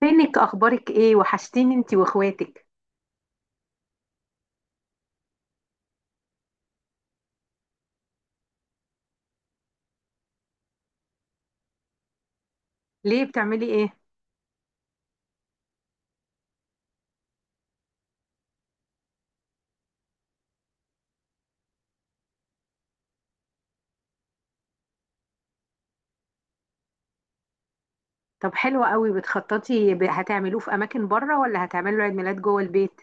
فينك، اخبارك ايه؟ وحشتيني انتي واخواتك. ليه؟ بتعملي ايه؟ طب حلو قوي، بتخططي. هتعملوه في اماكن بره ولا هتعملوا عيد ميلاد جوه البيت؟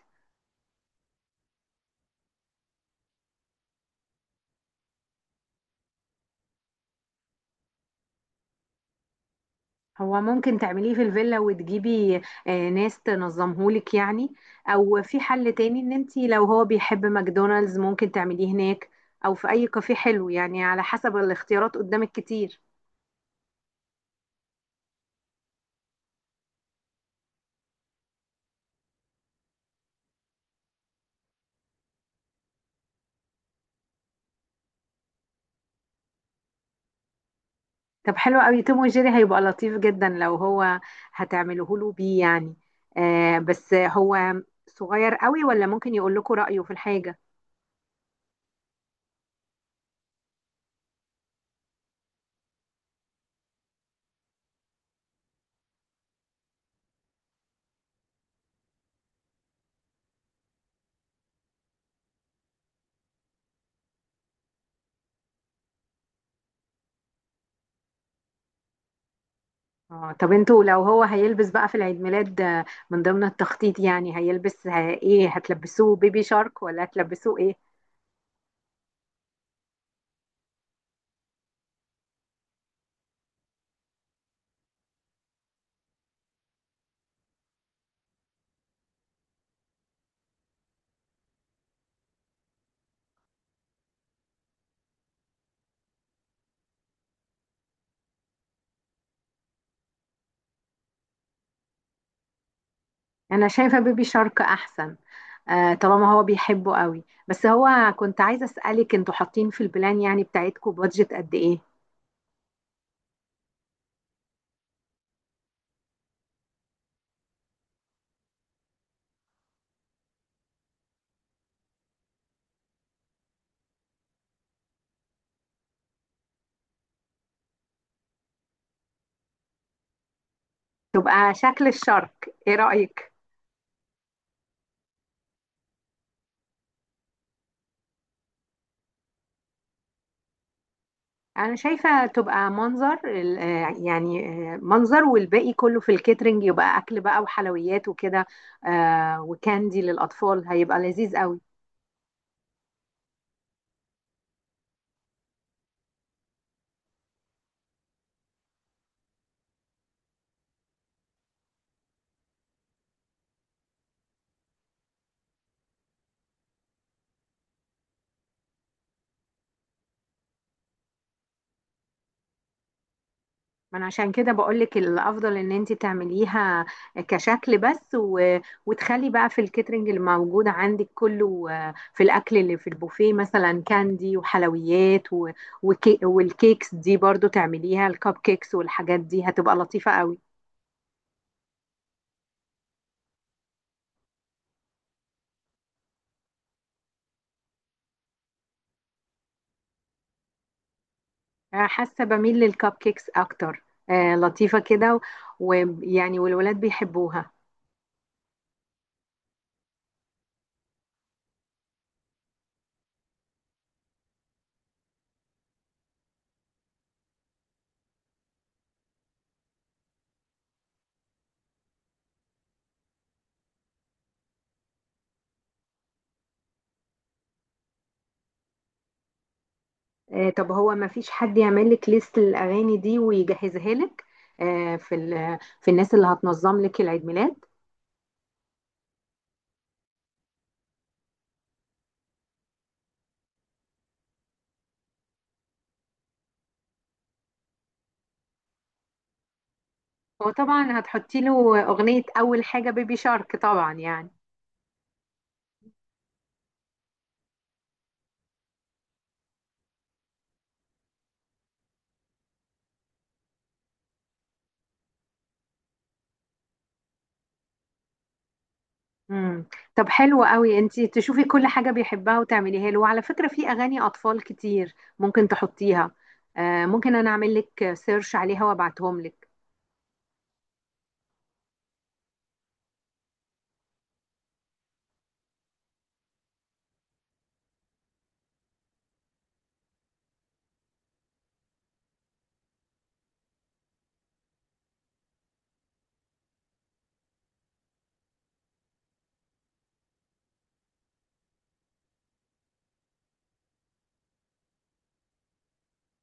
هو ممكن تعمليه في الفيلا وتجيبي ناس تنظمهولك يعني. او في حل تاني، ان انتي لو هو بيحب ماكدونالدز ممكن تعمليه هناك. او في اي كافيه حلو، يعني على حسب الاختيارات قدامك كتير. طب حلو قوي، توم وجيري هيبقى لطيف جدا لو هو هتعمله له بيه يعني. آه، بس هو صغير قوي، ولا ممكن يقول لكم رأيه في الحاجة؟ اه طب انتوا لو هو هيلبس بقى في العيد ميلاد، من ضمن التخطيط يعني هيلبس، ايه هتلبسوه بيبي شارك ولا هتلبسوه ايه؟ انا شايفة بيبي شارك احسن. آه، طالما هو بيحبه قوي. بس هو، كنت عايزة اسألك، انتوا حاطين في البلان يعني بتاعتكم بادجت قد ايه؟ تبقى شكل الشارك، ايه رأيك؟ انا شايفة تبقى منظر يعني، منظر والباقي كله في الكيترينج، يبقى اكل بقى وحلويات وكده. وكاندي للاطفال هيبقى لذيذ قوي. ما انا عشان كده بقولك، الافضل ان انت تعمليها كشكل بس، وتخلي بقى في الكيترينج اللي موجود عندك كله، في الاكل اللي في البوفيه مثلا كاندي وحلويات، والكيكس دي برضو تعمليها الكب كيكس والحاجات دي هتبقى لطيفة قوي. حاسه بميل للكب كيكس اكتر. لطيفه كده، ويعني والولاد بيحبوها. طب هو ما فيش حد يعمل لك ليست الاغاني دي ويجهزها لك؟ في الناس اللي هتنظم لك العيد ميلاد. هو طبعا هتحطي له اغنيه اول حاجه بيبي شارك طبعا يعني. امم. طب حلو قوي، انت تشوفي كل حاجه بيحبها وتعمليها له، وعلى فكره في اغاني اطفال كتير ممكن تحطيها. ممكن انا اعمل لك سيرش عليها وابعتهم لك.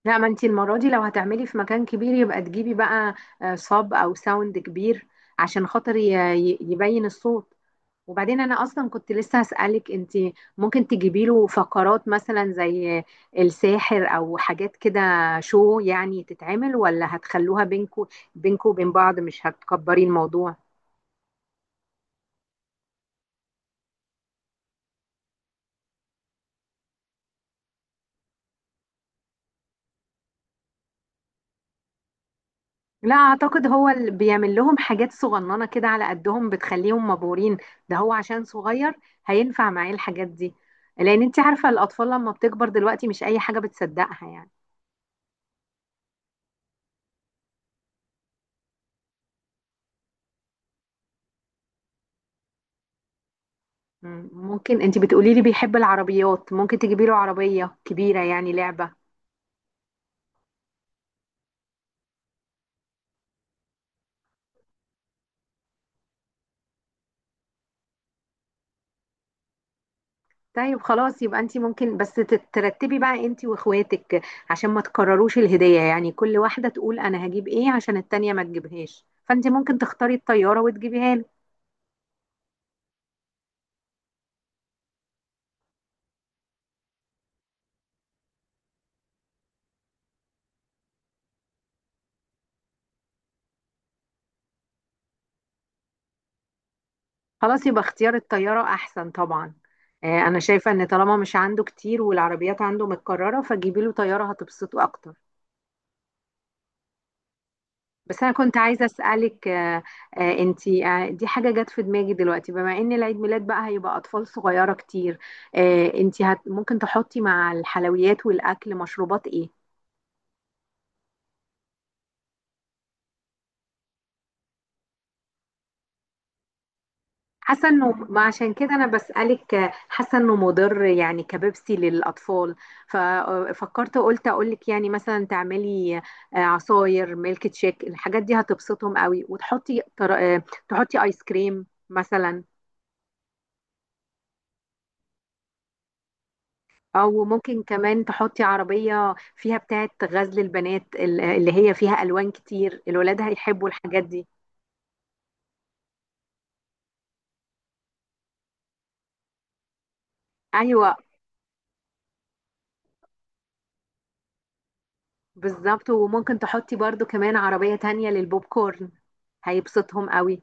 لا، ما انتي المرة دي لو هتعملي في مكان كبير يبقى تجيبي بقى صاب او ساوند كبير عشان خاطر يبين الصوت. وبعدين انا اصلا كنت لسه هسألك، انتي ممكن تجيبي له فقرات مثلا زي الساحر او حاجات كده شو يعني تتعمل، ولا هتخلوها بينكو؟ بينكو وبين بعض مش هتكبري الموضوع؟ لا، اعتقد هو اللي بيعمل لهم حاجات صغننه كده على قدهم بتخليهم مبهورين. ده هو عشان صغير هينفع معاه الحاجات دي. لان انت عارفه الاطفال لما بتكبر دلوقتي مش اي حاجه بتصدقها يعني. ممكن. انت بتقولي لي بيحب العربيات، ممكن تجيبي له عربيه كبيره يعني لعبه. طيب خلاص، يبقى انت ممكن بس ترتبي بقى انت واخواتك، عشان ما تكرروش الهديه يعني. كل واحده تقول انا هجيب ايه عشان التانيه ما تجيبهاش، فانت ممكن تختاري الطياره وتجيبيها له. خلاص يبقى اختيار الطيارة أحسن طبعا. أنا شايفة إن طالما مش عنده كتير والعربيات عنده متكررة فجيبي له طيارة هتبسطه أكتر. بس أنا كنت عايزة أسألك، آه، آه، أنتي آه، دي حاجة جت في دماغي دلوقتي، بما إن العيد ميلاد بقى هيبقى أطفال صغيرة كتير. أنتي ممكن تحطي مع الحلويات والأكل مشروبات إيه؟ حاسه انه ما، عشان كده انا بسالك، حاسه انه مضر يعني كبيبسي للاطفال. ففكرت قلت اقول لك يعني مثلا تعملي عصاير، ميلك شيك، الحاجات دي هتبسطهم قوي. وتحطي تر- تحطي ايس كريم مثلا. او ممكن كمان تحطي عربيه فيها بتاعه غزل البنات اللي هي فيها الوان كتير، الولاد هيحبوا الحاجات دي. ايوه، بالظبط. وممكن تحطي برضو كمان عربيه تانية للبوب كورن، هيبسطهم قوي.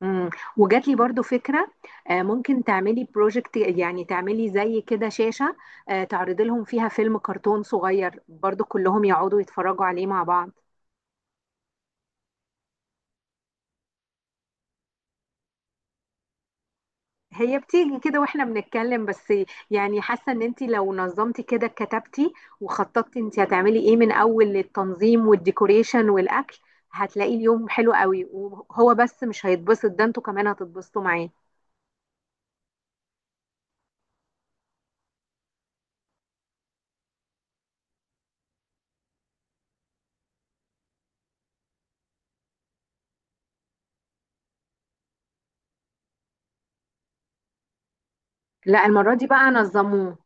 مم. وجات لي برضو فكرة. ممكن تعملي بروجكت، يعني تعملي زي كده شاشة. تعرضي لهم فيها فيلم كرتون صغير برضو كلهم يقعدوا يتفرجوا عليه مع بعض. هي بتيجي كده واحنا بنتكلم بس. يعني حاسة ان انت لو نظمتي كده، كتبتي وخططتي انت هتعملي ايه من اول، للتنظيم والديكوريشن والاكل، هتلاقي اليوم حلو قوي، وهو بس مش هيتبسط، ده انتوا كمان هتتبسطوا معاه. لا، المرة دي بقى نظموه.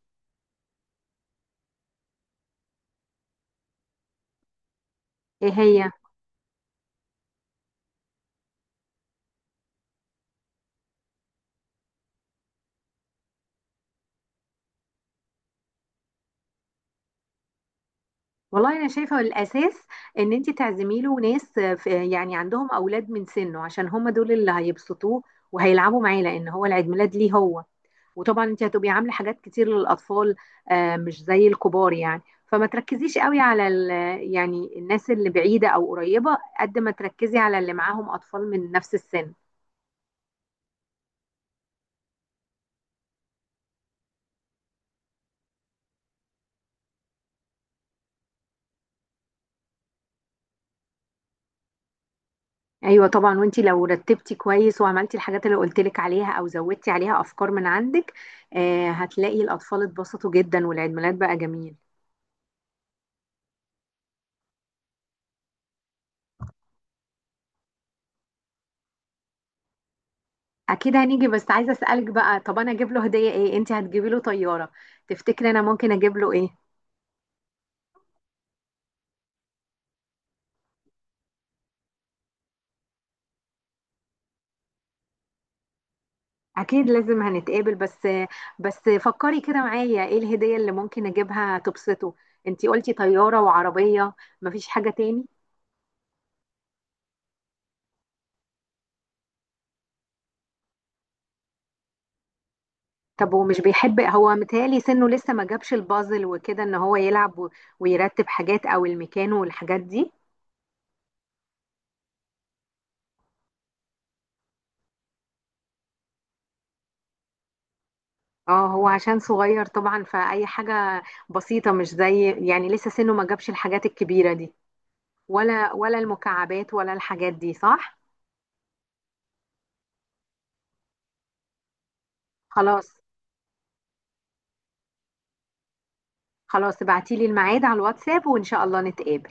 ايه هي؟ والله انا شايفه الاساس ان انت تعزمي له ناس يعني عندهم اولاد من سنه، عشان هم دول اللي هيبسطوه وهيلعبوا معاه، لان هو العيد ميلاد ليه هو. وطبعا انت هتبقي عامله حاجات كتير للاطفال، مش زي الكبار يعني. فما تركزيش قوي على يعني الناس اللي بعيده او قريبه، قد ما تركزي على اللي معاهم اطفال من نفس السن. ايوه طبعا، وانت لو رتبتي كويس وعملتي الحاجات اللي قلت لك عليها او زودتي عليها افكار من عندك، هتلاقي الاطفال اتبسطوا جدا والعيد ميلاد بقى جميل. اكيد هنيجي، بس عايزه اسالك بقى، طب انا اجيب له هديه ايه؟ انت هتجيبي له طياره، تفتكري انا ممكن اجيب له ايه؟ اكيد لازم هنتقابل. بس بس فكري كده معايا، ايه الهديه اللي ممكن اجيبها تبسطه؟ انت قلتي طياره وعربيه، مفيش حاجه تاني؟ طب هو مش بيحب، هو متهيألي سنه لسه ما جابش البازل وكده، ان هو يلعب ويرتب حاجات او المكان والحاجات دي. اه، هو عشان صغير طبعا، فأي حاجة بسيطة. مش زي يعني لسه سنه ما جابش الحاجات الكبيرة دي، ولا المكعبات ولا الحاجات دي، صح؟ خلاص خلاص، ابعتيلي الميعاد على الواتساب وإن شاء الله نتقابل.